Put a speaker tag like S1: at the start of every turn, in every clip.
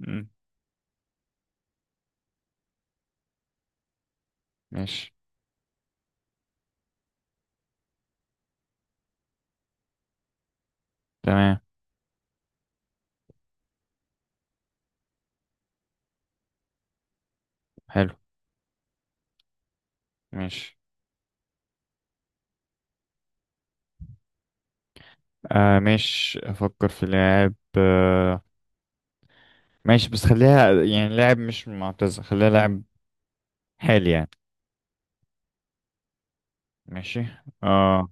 S1: مم. ماشي. تمام. حلو. ماشي. آه ماشي، افكر في لاعب، آه. ماشي، بس خليها يعني لاعب مش معتزل، خليها لاعب حالي يعني. ماشي. اه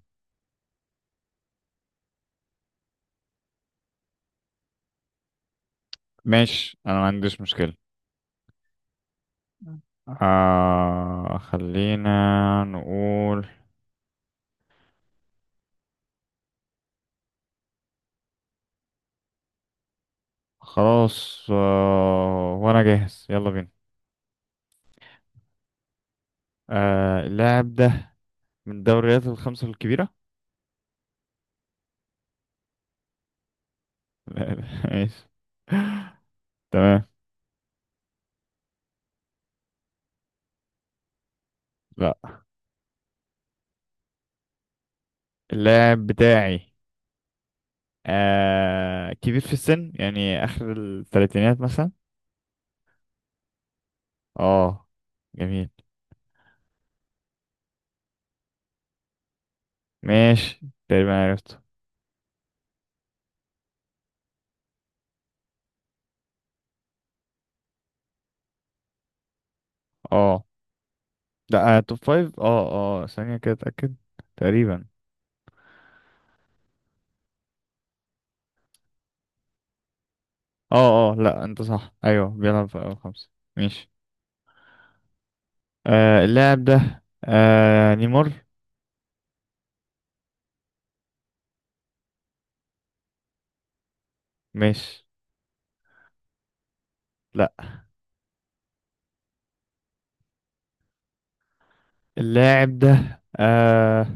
S1: ماشي، انا ما عنديش مشكلة. آه، خلينا نقول. خلاص، آه وانا جاهز، يلا بينا. آه، اللاعب ده من الدوريات الخمسة الكبيرة. لا، لا. ماشي. تمام. لا. اللاعب بتاعي كبير في السن، يعني آخر الثلاثينات مثلا. اه، جميل. ماشي، تقريبا عرفته. اه لا، آه توب فايف، اه. اه، ثانية كده أتأكد، تقريبا. اه اه، لا، انت صح، ايوه، بيلعب في أول خمسة. ماشي. آه، اللاعب ده نيمار. ماشي. لا. اللاعب ده آه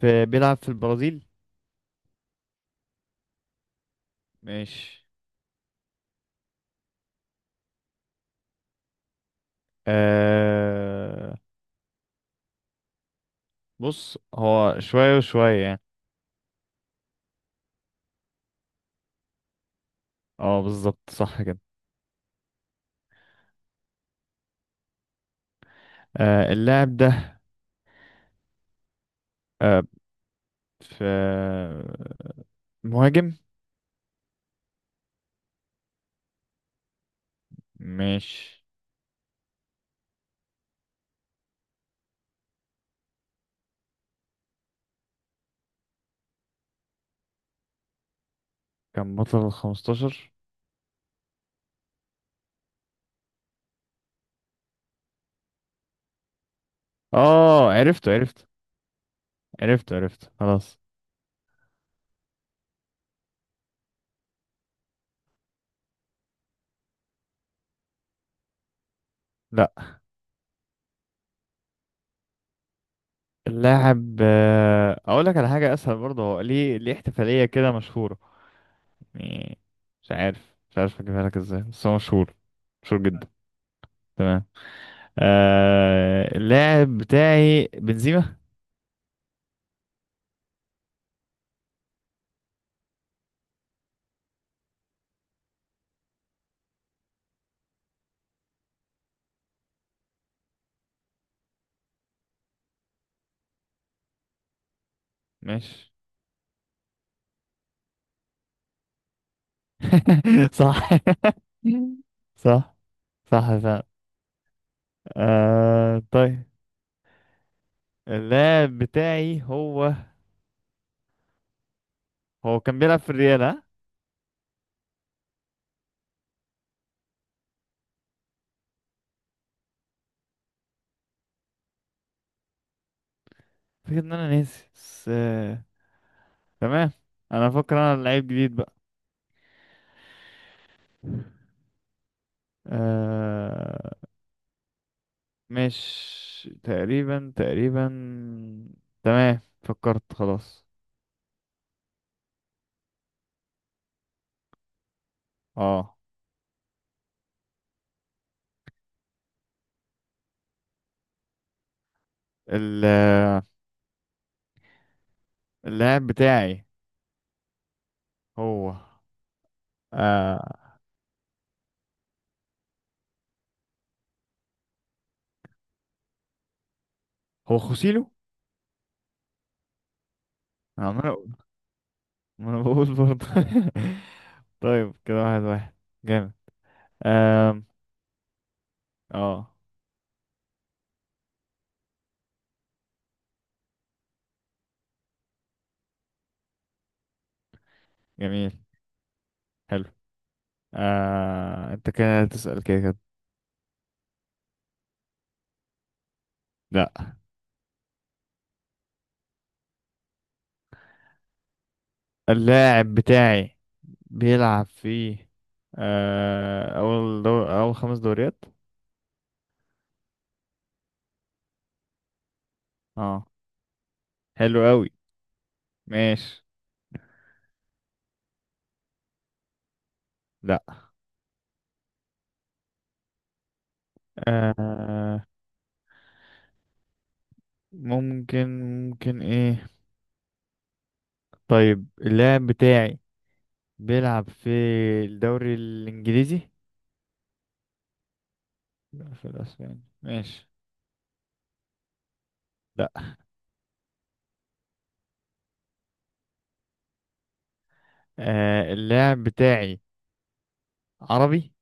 S1: في بيلعب في البرازيل. ماشي. آه، بص، هو شوية وشوية يعني. اه، بالظبط، صح كده. آه، اللاعب ده آه، في مهاجم مش. كان بطل الـ15. اه، عرفته عرفته عرفته عرفته، خلاص. لا، اللاعب، اقول لك على حاجة اسهل برضه، هو ليه احتفالية كده مشهورة يعني. مش عارف اجيبها لك ازاي، بس هو مشهور. مشهور جدا. تمام. آه، اللاعب بتاعي بنزيما. ماشي. صح. صح، صح فعلا. آه، طيب. اللاعب بتاعي هو كان بيلعب في الريال، ها؟ فكرة ان انا ناسي بس تمام. انا فاكر انا لعيب جديد بقى. آه... مش تقريبا، تقريبا تمام، فكرت خلاص. اه، ال... اللاعب بتاعي هو، آه... هو خوسيلو. انا عمال اقول، ما انا بقول برضه. طيب، كده واحد واحد، جامد. آم، اه، جميل، حلو. انت كده تسأل كده كده. لا. اللاعب بتاعي بيلعب في اول خمس دوريات. اه، حلو قوي، ماشي. لا، آه... ممكن ممكن ايه. طيب، اللاعب بتاعي بيلعب في الدوري الانجليزي؟ لا، في الاسباني، ماشي. لا. اللاعب بتاعي عربي.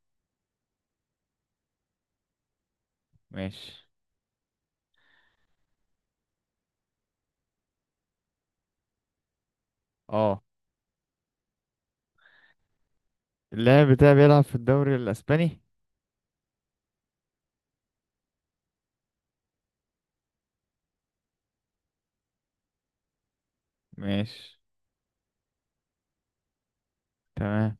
S1: ماشي. اه، اللاعب بتاعي بيلعب في الدوري الاسباني. ماشي، تمام.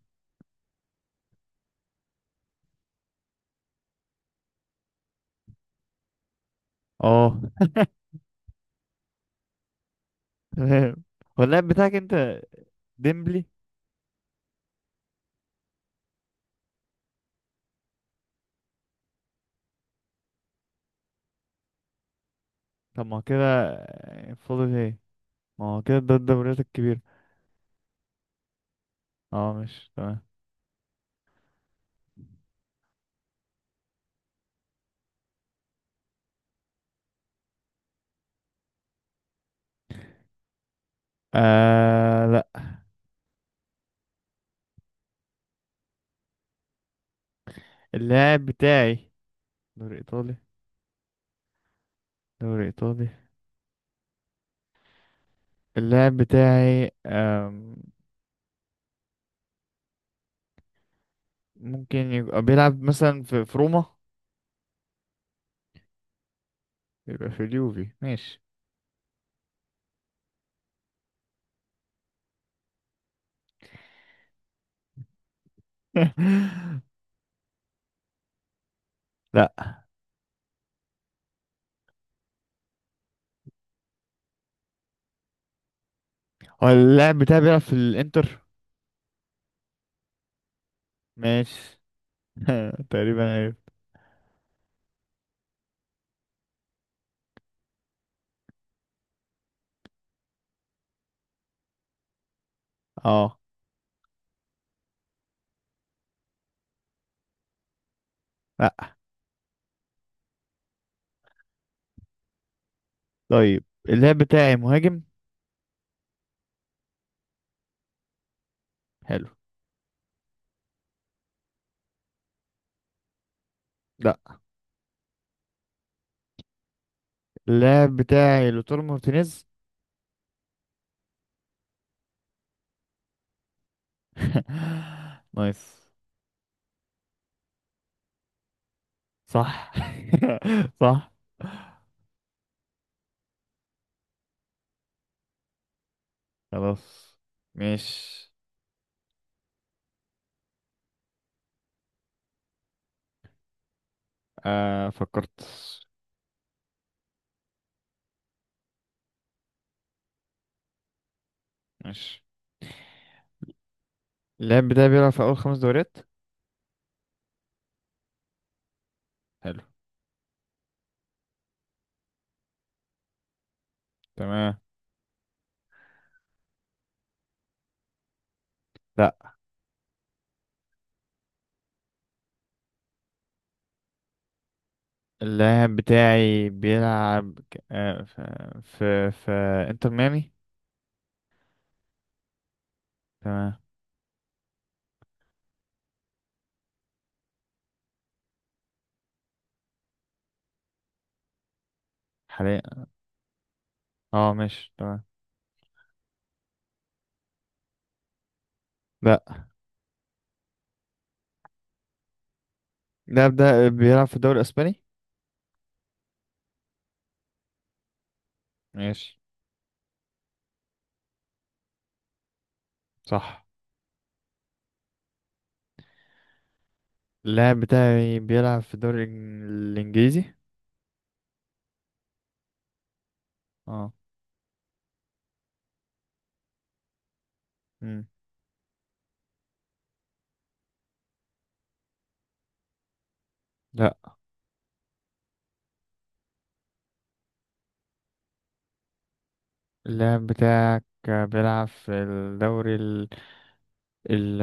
S1: اه، تمام. هو اللاعب بتاعك انت ديمبلي؟ طب ما هو كده فاضل ايه؟ ما هو كده ده الدوريات الكبيرة. اه، مش تمام. آه، لا. اللاعب بتاعي دوري ايطالي، دوري ايطالي. اللاعب بتاعي ممكن يبقى بيلعب مثلا في روما. يبقى في اليوفي، ماشي. لا. هو اللاعب بتاعي بيلعب في الانتر. ماشي. تقريبا عرفت. اه، لا. طيب، اللاعب بتاعي مهاجم. حلو. لا. اللاعب بتاعي لوتار مارتينيز. نايس. صح. صح. خلاص. ماشي، آه فكرت. ماشي. اللاعب بتاعي بيلعب في أول خمس دوريات. حلو، تمام. لا، اللاعب بتاعي بيلعب في انتر ميامي. تمام. حاليا، اه، ماشي، تمام. لا، اللاعب ده بيلعب في الدوري الأسباني. ماشي، صح. اللاعب بتاعي بيلعب في الإنجليزي. اه. مم. لا، اللاعب بتاعك بيلعب في الدوري ال ال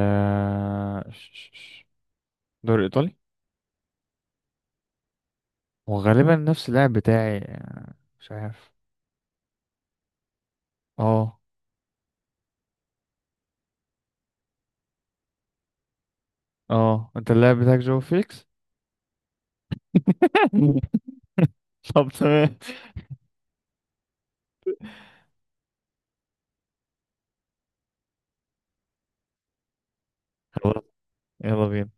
S1: الدوري الإيطالي. وغالبا نفس اللاعب بتاعي، يعني، مش عارف. اه اه، انت اللاعب بتاعك جو فيكس. طب، تمام. خلاص، يلا بينا.